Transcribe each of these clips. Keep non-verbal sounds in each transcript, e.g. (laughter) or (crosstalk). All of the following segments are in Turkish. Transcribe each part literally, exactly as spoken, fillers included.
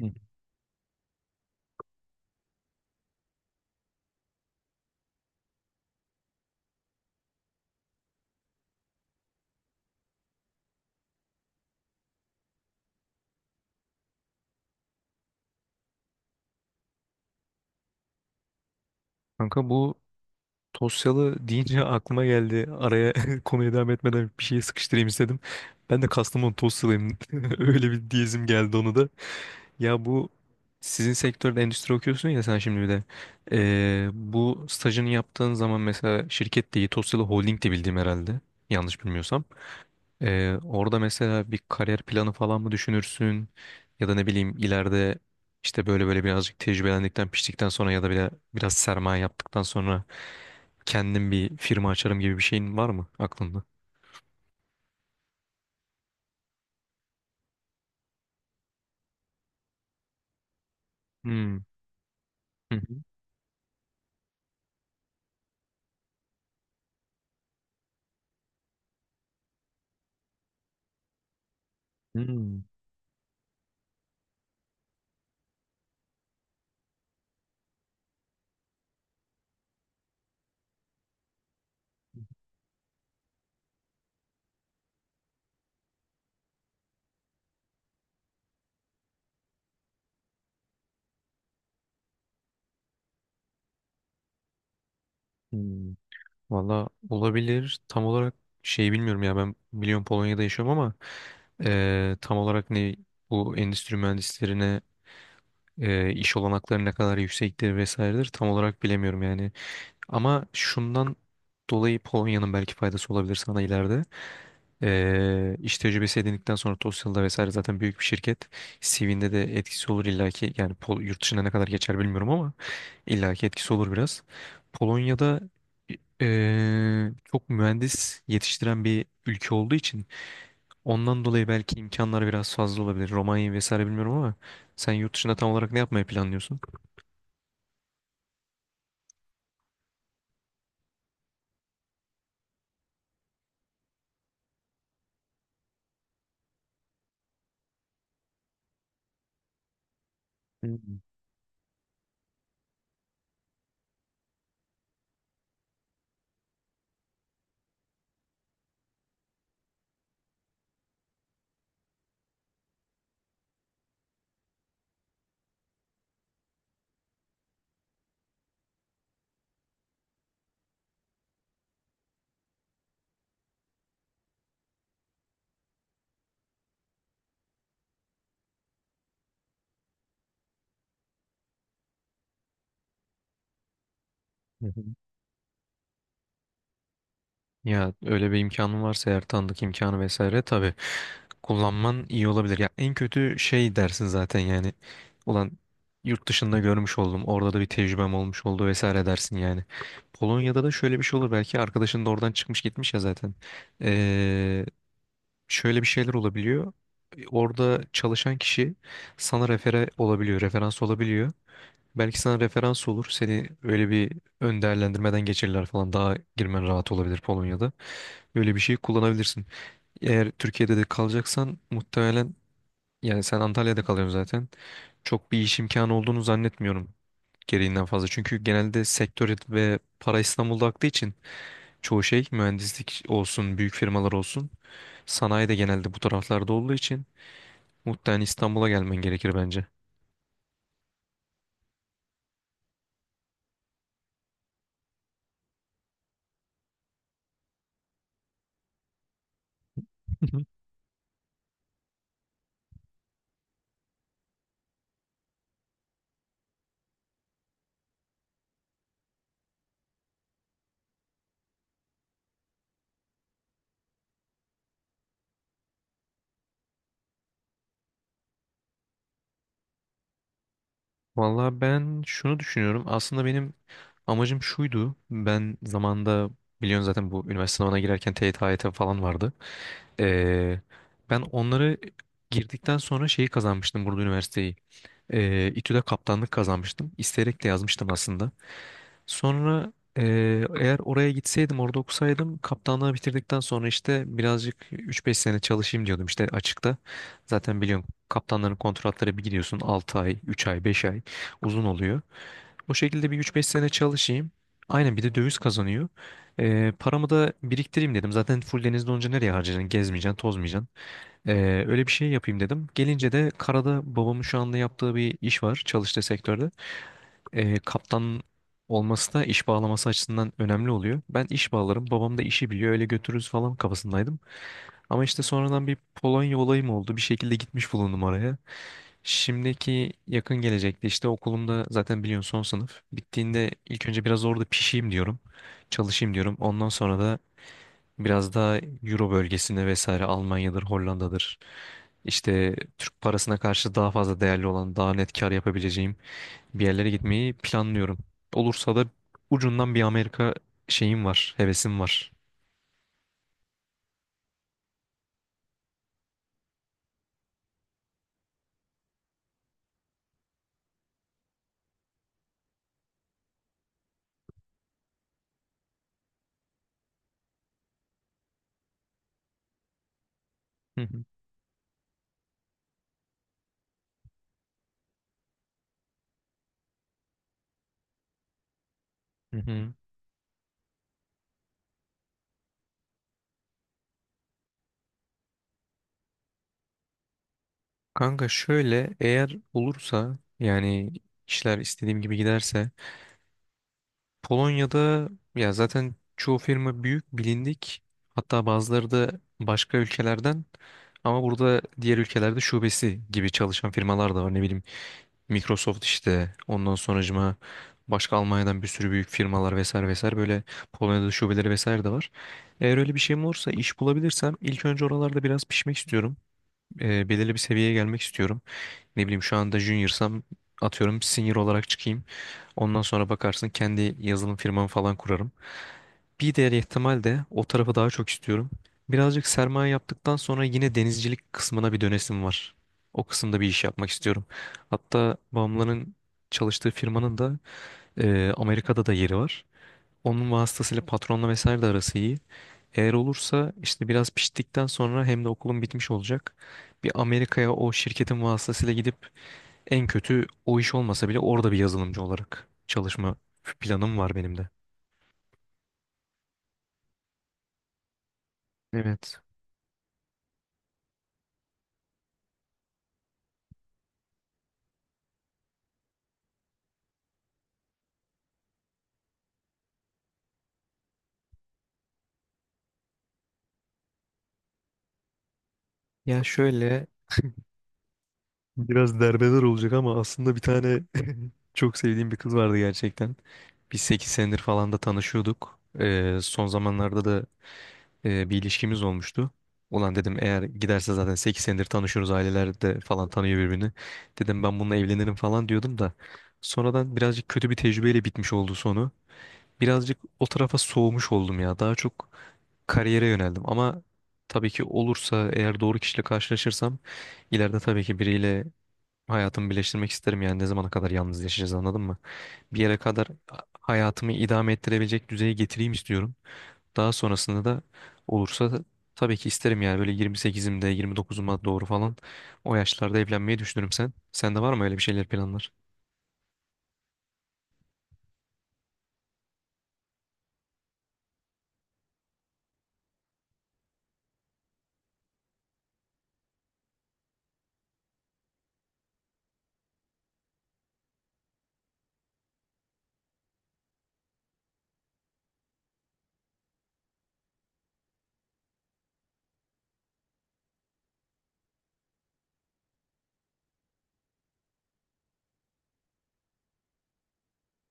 Hı. Kanka bu Tosyalı deyince (laughs) aklıma geldi. Araya (laughs) konuya devam etmeden bir şey sıkıştırayım istedim. Ben de Kastamonu Tosyalıyım. (laughs) Öyle bir diyezim geldi onu da. Ya bu sizin sektörde endüstri okuyorsun ya sen şimdi bir de. Ee, bu stajını yaptığın zaman mesela şirket değil Tosyalı Holding de bildiğim herhalde. Yanlış bilmiyorsam. Ee, orada mesela bir kariyer planı falan mı düşünürsün? Ya da ne bileyim ileride işte böyle böyle birazcık tecrübelendikten, piştikten sonra ya da bile biraz sermaye yaptıktan sonra kendim bir firma açarım gibi bir şeyin var mı aklında? Hmm. Hı hı. Hmm. Hmm. Valla olabilir. Tam olarak şey bilmiyorum ya ben biliyorum Polonya'da yaşıyorum ama eee, tam olarak ne bu endüstri mühendislerine eee, iş olanakları ne kadar yüksektir vesairedir tam olarak bilemiyorum yani. Ama şundan dolayı Polonya'nın belki faydası olabilir sana ileride. Ee, iş tecrübesi edindikten sonra TOEFL'da vesaire zaten büyük bir şirket. C V'nde de etkisi olur illaki. Yani Pol yurt dışına ne kadar geçer bilmiyorum ama illaki etkisi olur biraz. Polonya'da ee, çok mühendis yetiştiren bir ülke olduğu için ondan dolayı belki imkanlar biraz fazla olabilir. Romanya vesaire bilmiyorum ama sen yurt dışında tam olarak ne yapmayı planlıyorsun? Hmm. Hı hı. Ya öyle bir imkanın varsa eğer tanıdık imkanı vesaire tabii kullanman iyi olabilir. Ya en kötü şey dersin zaten yani. Ulan yurt dışında görmüş oldum. Orada da bir tecrübem olmuş oldu vesaire dersin yani. Polonya'da da şöyle bir şey olur. Belki arkadaşın da oradan çıkmış gitmiş ya zaten. Ee, Şöyle bir şeyler olabiliyor. Orada çalışan kişi sana refere olabiliyor, referans olabiliyor. Belki sana referans olur. Seni öyle bir ön değerlendirmeden geçirirler falan. Daha girmen rahat olabilir Polonya'da. Böyle bir şey kullanabilirsin. Eğer Türkiye'de de kalacaksan muhtemelen yani sen Antalya'da kalıyorsun zaten. Çok bir iş imkanı olduğunu zannetmiyorum gereğinden fazla. Çünkü genelde sektör ve para İstanbul'da aktığı için çoğu şey mühendislik olsun, büyük firmalar olsun. Sanayi de genelde bu taraflarda olduğu için muhtemelen İstanbul'a gelmen gerekir bence. (laughs) Vallahi ben şunu düşünüyorum. Aslında benim amacım şuydu. Ben zamanda biliyorsun zaten bu üniversite sınavına girerken T Y T, A Y T falan vardı. Ee, Ben onları girdikten sonra şeyi kazanmıştım burada üniversiteyi. Ee, İTÜ'de kaptanlık kazanmıştım. İsteyerek de yazmıştım aslında. Sonra ee, eğer oraya gitseydim, orada okusaydım kaptanlığı bitirdikten sonra işte birazcık üç beş sene çalışayım diyordum işte açıkta. Zaten biliyorum kaptanların kontratları bir gidiyorsun altı ay, üç ay, beş ay uzun oluyor. O şekilde bir üç beş sene çalışayım. Aynen bir de döviz kazanıyor. Ee, paramı da biriktireyim dedim. Zaten full denizde olunca nereye harcayacaksın? Gezmeyeceksin, tozmayacaksın. Ee, öyle bir şey yapayım dedim. Gelince de karada babamın şu anda yaptığı bir iş var çalıştığı sektörde. Ee, kaptan olması da iş bağlaması açısından önemli oluyor. Ben iş bağlarım, babam da işi biliyor, öyle götürürüz falan kafasındaydım. Ama işte sonradan bir Polonya olayım oldu. Bir şekilde gitmiş bulundum oraya. Şimdiki yakın gelecekte işte okulumda zaten biliyorsun son sınıf. Bittiğinde ilk önce biraz orada pişeyim diyorum. Çalışayım diyorum. Ondan sonra da biraz daha Euro bölgesinde vesaire Almanya'dır, Hollanda'dır. İşte Türk parasına karşı daha fazla değerli olan, daha net kar yapabileceğim bir yerlere gitmeyi planlıyorum. Olursa da ucundan bir Amerika şeyim var, hevesim var. Hı hı. Hı hı. Kanka şöyle eğer olursa yani işler istediğim gibi giderse Polonya'da ya zaten çoğu firma büyük, bilindik. Hatta bazıları da başka ülkelerden ama burada diğer ülkelerde şubesi gibi çalışan firmalar da var. Ne bileyim Microsoft işte ondan sonracıma başka Almanya'dan bir sürü büyük firmalar vesaire vesaire böyle Polonya'da şubeleri vesaire de var. Eğer öyle bir şeyim olursa iş bulabilirsem ilk önce oralarda biraz pişmek istiyorum. Eee, belirli bir seviyeye gelmek istiyorum. Ne bileyim şu anda junior'sam atıyorum senior olarak çıkayım. Ondan sonra bakarsın kendi yazılım firmamı falan kurarım. Bir diğer ihtimal de o tarafı daha çok istiyorum. Birazcık sermaye yaptıktan sonra yine denizcilik kısmına bir dönesim var. O kısımda bir iş yapmak istiyorum. Hatta babamların çalıştığı firmanın da e, Amerika'da da yeri var. Onun vasıtasıyla patronla vesaire de arası iyi. Eğer olursa işte biraz piştikten sonra hem de okulum bitmiş olacak. Bir Amerika'ya o şirketin vasıtasıyla gidip en kötü o iş olmasa bile orada bir yazılımcı olarak çalışma planım var benim de. Evet. Ya şöyle biraz derbeder olacak ama aslında bir tane (laughs) çok sevdiğim bir kız vardı gerçekten. Biz sekiz senedir falan da tanışıyorduk. Ee, son zamanlarda da e, bir ilişkimiz olmuştu. Ulan dedim eğer giderse zaten sekiz senedir tanışıyoruz aileler de falan tanıyor birbirini. Dedim ben bununla evlenirim falan diyordum da. Sonradan birazcık kötü bir tecrübeyle bitmiş oldu sonu. Birazcık o tarafa soğumuş oldum ya. Daha çok kariyere yöneldim ama tabii ki olursa eğer doğru kişiyle karşılaşırsam ileride tabii ki biriyle hayatımı birleştirmek isterim yani ne zamana kadar yalnız yaşayacağız anladın mı? Bir yere kadar hayatımı idame ettirebilecek düzeye getireyim istiyorum. Daha sonrasında da olursa da tabii ki isterim yani böyle yirmi sekizimde yirmi dokuzuma doğru falan o yaşlarda evlenmeyi düşünürüm sen. Sende var mı öyle bir şeyler planlar?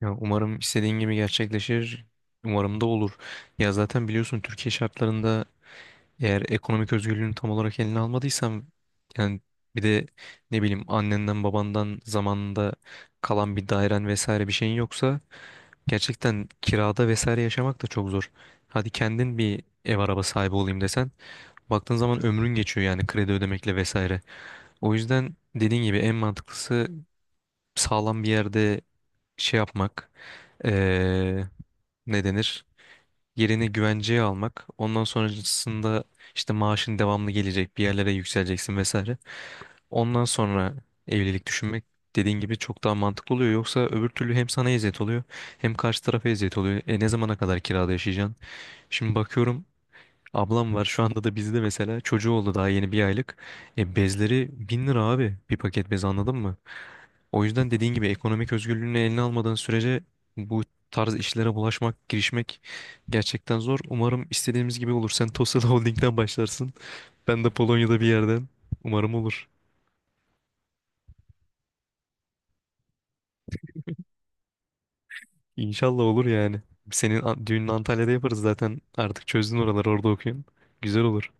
Ya umarım istediğin gibi gerçekleşir. Umarım da olur. Ya zaten biliyorsun Türkiye şartlarında eğer ekonomik özgürlüğünü tam olarak eline almadıysan yani bir de ne bileyim annenden babandan zamanında kalan bir dairen vesaire bir şeyin yoksa gerçekten kirada vesaire yaşamak da çok zor. Hadi kendin bir ev araba sahibi olayım desen baktığın zaman ömrün geçiyor yani kredi ödemekle vesaire. O yüzden dediğin gibi en mantıklısı sağlam bir yerde şey yapmak ne denir? Yerini güvenceye almak. Ondan sonrasında işte maaşın devamlı gelecek, bir yerlere yükseleceksin vesaire. Ondan sonra evlilik düşünmek dediğin gibi çok daha mantıklı oluyor. Yoksa öbür türlü hem sana eziyet oluyor hem karşı tarafa eziyet oluyor. E ne zamana kadar kirada yaşayacaksın? Şimdi bakıyorum ablam var şu anda da bizde mesela çocuğu oldu daha yeni bir aylık. E, bezleri bin lira abi bir paket bez anladın mı? O yüzden dediğin gibi ekonomik özgürlüğünü eline almadığın sürece bu tarz işlere bulaşmak, girişmek gerçekten zor. Umarım istediğimiz gibi olur. Sen Tosyalı Holding'den başlarsın. Ben de Polonya'da bir yerden. Umarım olur. İnşallah olur yani. Senin a- düğününü Antalya'da yaparız zaten. Artık çözdün oraları orada okuyun. Güzel olur.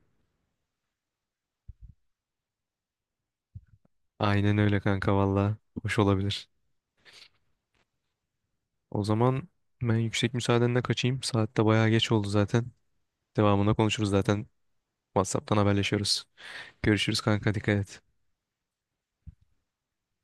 Aynen öyle kanka valla. Hoş olabilir. O zaman ben yüksek müsaadenle kaçayım. Saat de bayağı geç oldu zaten. Devamında konuşuruz zaten. WhatsApp'tan haberleşiyoruz. Görüşürüz kanka dikkat et.